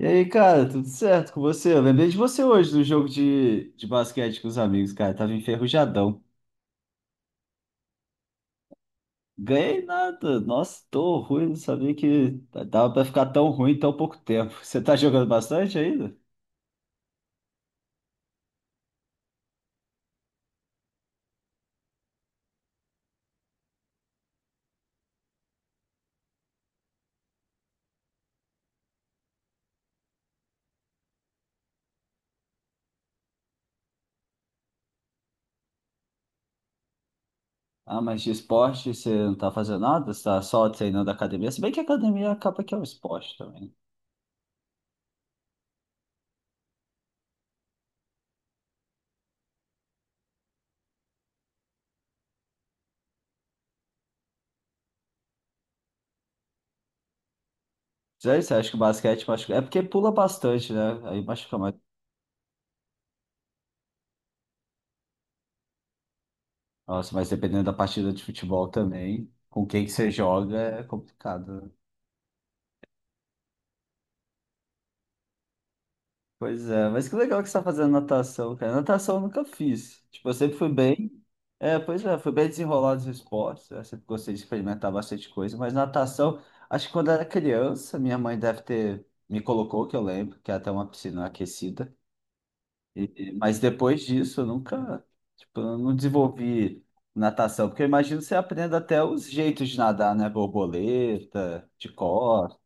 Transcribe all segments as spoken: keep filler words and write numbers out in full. E aí, cara, tudo certo com você? Eu lembrei de você hoje no jogo de, de basquete com os amigos, cara. Tava enferrujadão. Ganhei nada. Nossa, tô ruim. Não sabia que dava pra ficar tão ruim em tão pouco tempo. Você tá jogando bastante ainda? Ah, mas de esporte você não tá fazendo nada? Você tá só treinando academia? Se bem que academia acaba que é um esporte também. Sério, você acha que o basquete machuca? É porque pula bastante, né? Aí machuca mais. Nossa, mas dependendo da partida de futebol também, com quem que você joga é complicado, né? Pois é, mas que legal que você tá fazendo natação, cara. Natação eu nunca fiz. Tipo, eu sempre fui bem. É, pois é, fui bem desenrolado nos esportes. Eu sempre gostei de experimentar bastante coisa, mas natação, acho que quando eu era criança, minha mãe deve ter me colocou, que eu lembro, que é até uma piscina aquecida. E- e- mas depois disso, eu nunca, tipo, eu não desenvolvi natação, porque eu imagino que você aprenda até os jeitos de nadar, né? Borboleta, de cor,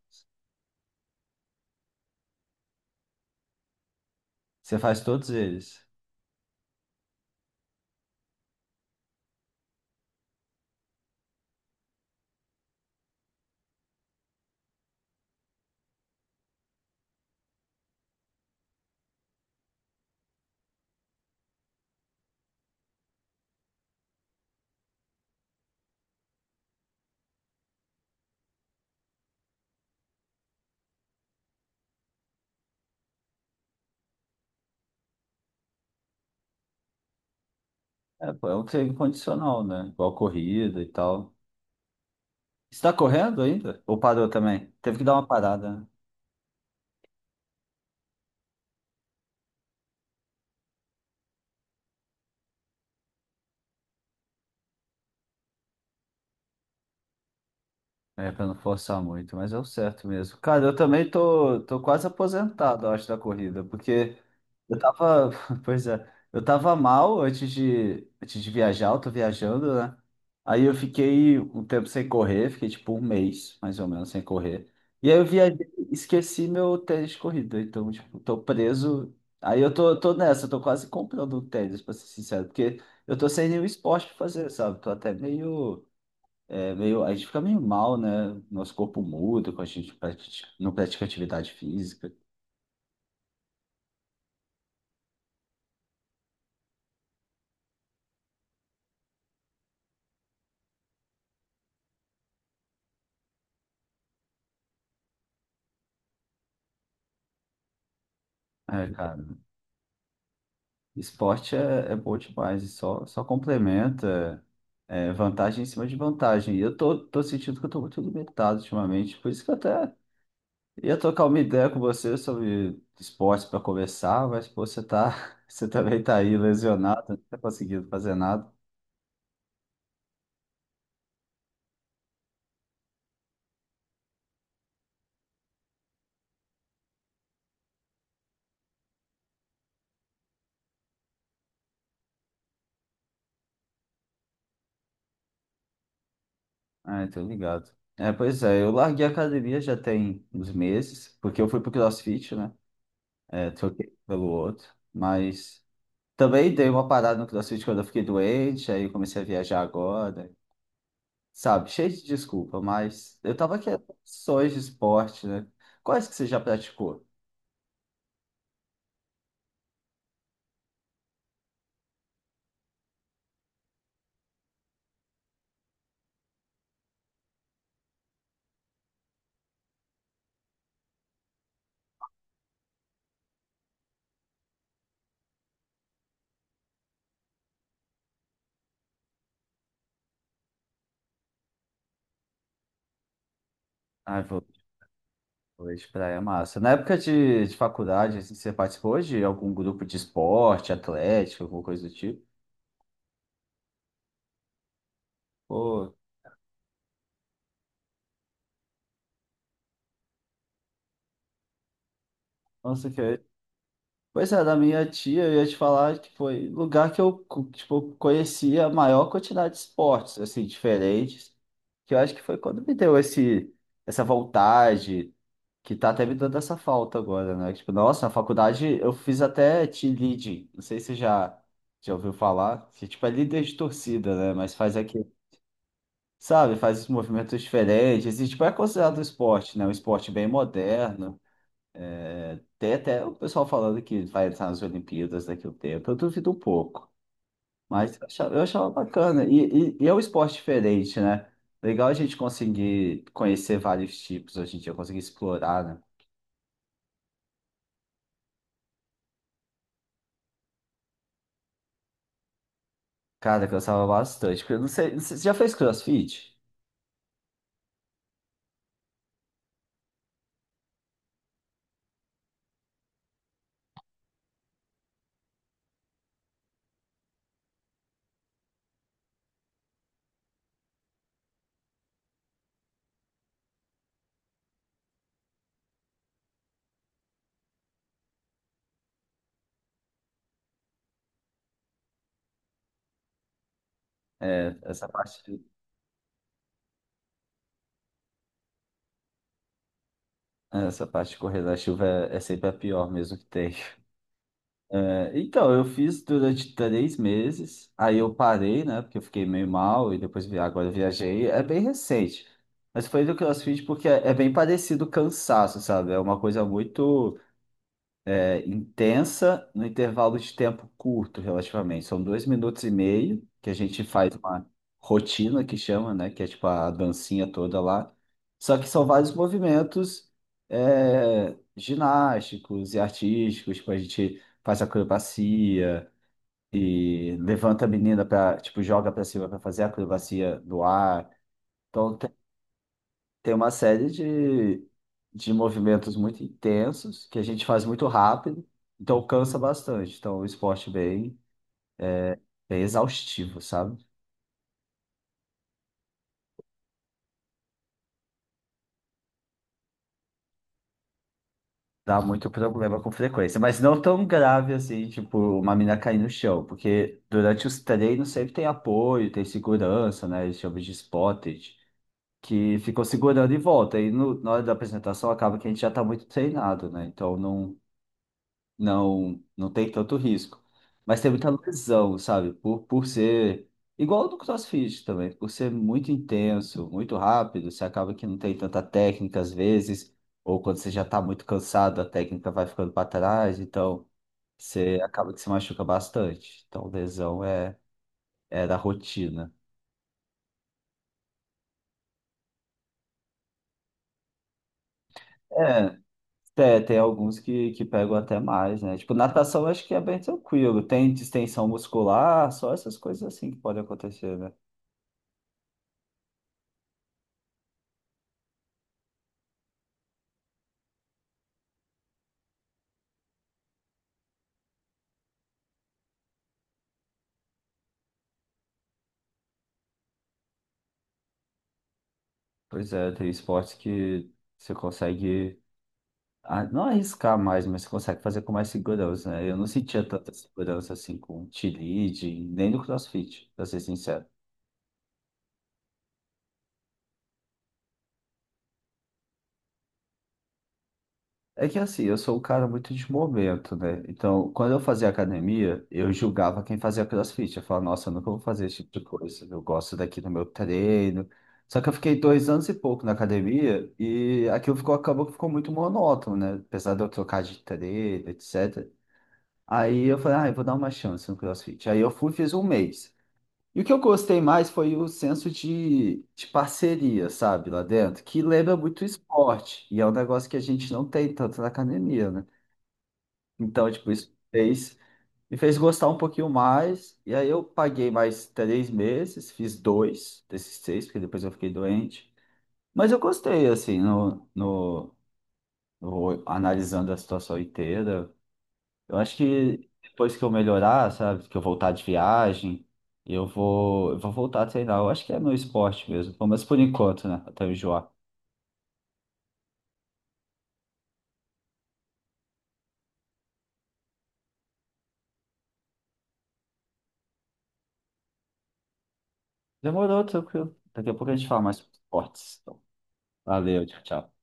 você faz todos eles. É, pô, é um treino condicional, né? Igual corrida e tal. Você tá correndo ainda? Ou parou também? Teve que dar uma parada, né? É, pra não forçar muito, mas é o certo mesmo. Cara, eu também tô, tô quase aposentado, eu acho, da corrida, porque Eu tava, pois é, eu tava mal antes de, antes de viajar, eu tô viajando, né? Aí eu fiquei um tempo sem correr, fiquei tipo um mês, mais ou menos, sem correr. E aí eu viajei, esqueci meu tênis de corrida, então, tipo, tô preso. Aí eu tô, tô nessa, eu tô quase comprando um tênis, pra ser sincero, porque eu tô sem nenhum esporte pra fazer, sabe? Tô até meio, é, meio, a gente fica meio mal, né? Nosso corpo muda quando a gente pratica- não pratica atividade física. É, cara. Esporte é, é bom demais, e só, só complementa é, vantagem em cima de vantagem. E eu tô, tô sentindo que eu tô muito limitado ultimamente, por isso que eu até ia trocar uma ideia com você sobre esportes para conversar, mas pô, você tá, você também tá aí lesionado, não tá conseguindo fazer nada. Ah, então ligado. É, pois é, eu larguei a academia já tem uns meses, porque eu fui pro CrossFit, né? É, troquei pelo outro, mas também dei uma parada no CrossFit quando eu fiquei doente, aí comecei a viajar agora. Sabe, cheio de desculpa, mas eu tava querendo opções de esporte, né? Quais que você já praticou? Ah, vou vôlei de praia é massa. Na época de, de faculdade, assim, você participou de algum grupo de esporte, atlético, alguma coisa do tipo? Pô, nossa, que. Pois é, da minha tia, eu ia te falar que foi lugar que eu, co- tipo, conhecia a maior quantidade de esportes, assim, diferentes, que eu acho que foi quando me deu esse, essa vontade que tá até me dando essa falta agora, né? Tipo, nossa, na faculdade eu fiz até team leading. Não sei se você já já ouviu falar. Que, tipo, é líder de torcida, né? Mas faz aqui, sabe? Faz os movimentos diferentes. E, tipo, é considerado um esporte, né? Um esporte bem moderno. Tem até o pessoal falando que vai entrar nas Olimpíadas daqui a um tempo. Eu duvido um pouco. Mas eu achava, eu achava bacana. E, e, e é um esporte diferente, né? Legal a gente conseguir conhecer vários tipos hoje em dia, conseguir explorar, né? Cara, eu cansava bastante. Porque eu Não sei, você já fez CrossFit? É, essa parte, essa parte, de correr na chuva é, é sempre a pior mesmo que tem. É, então, eu fiz durante três meses, aí eu parei, né? Porque eu fiquei meio mal e depois vi- agora eu viajei. É bem recente. Mas foi do CrossFit porque é, é bem parecido o cansaço, sabe? É uma coisa muito é, intensa no intervalo de tempo curto, relativamente. São dois minutos e meio que a gente faz uma rotina que chama, né? Que é tipo a dancinha toda lá. Só que são vários movimentos é, ginásticos e artísticos, tipo, a gente faz acrobacia e levanta a menina para tipo joga para cima para fazer a acrobacia do ar. Então tem uma série de, de movimentos muito intensos que a gente faz muito rápido, então cansa bastante. Então, é um esporte bem, bem exaustivo, sabe? Dá muito problema com frequência, mas não tão grave assim, tipo, uma mina cair no chão, porque durante os treinos sempre tem apoio, tem segurança, né? Eles chamam de spotted, que ficam segurando em volta. E no- na hora da apresentação acaba que a gente já tá muito treinado, né? Então não não não tem tanto risco. Mas tem muita lesão, sabe? Por, por ser igual no CrossFit também, por ser muito intenso, muito rápido, você acaba que não tem tanta técnica às vezes, ou quando você já está muito cansado, a técnica vai ficando para trás, então você acaba que se machuca bastante. Então, lesão é, é da rotina. É. tem tem alguns que, que pegam até mais, né? Tipo, natação eu acho que é bem tranquilo. Tem distensão muscular, só essas coisas assim que podem acontecer, né? Pois é, tem esportes que você consegue ah, não arriscar mais, mas você consegue fazer com mais segurança, né? Eu não sentia tanta segurança assim com cheerleading, nem no CrossFit, pra ser sincero. É que assim, eu sou um cara muito de momento, né? Então, quando eu fazia academia, eu julgava quem fazia CrossFit. Eu falava, nossa, eu nunca vou fazer esse tipo de coisa. Eu gosto daqui do meu treino. Só que eu fiquei dois anos e pouco na academia e aquilo ficou, acabou que ficou muito monótono, né? Apesar de eu trocar de treino, etcétera. Aí eu falei, ah, eu vou dar uma chance no CrossFit. Aí eu fui, fiz um mês. E o que eu gostei mais foi o senso de, de parceria, sabe, lá dentro, que lembra muito esporte. E é um negócio que a gente não tem tanto na academia, né? Então, tipo, isso fez, me fez gostar um pouquinho mais. E aí eu paguei mais três meses, fiz dois desses seis, porque depois eu fiquei doente. Mas eu gostei, assim, no, no, no- analisando a situação inteira. Eu acho que depois que eu melhorar, sabe, que eu voltar de viagem, eu vou, eu vou voltar a treinar. Eu acho que é meu esporte mesmo, pelo menos por enquanto, né? Até eu enjoar. Demorou, tranquilo. Daqui a pouco a gente fala mais sobre esportes. Então, valeu, tchau, tchau.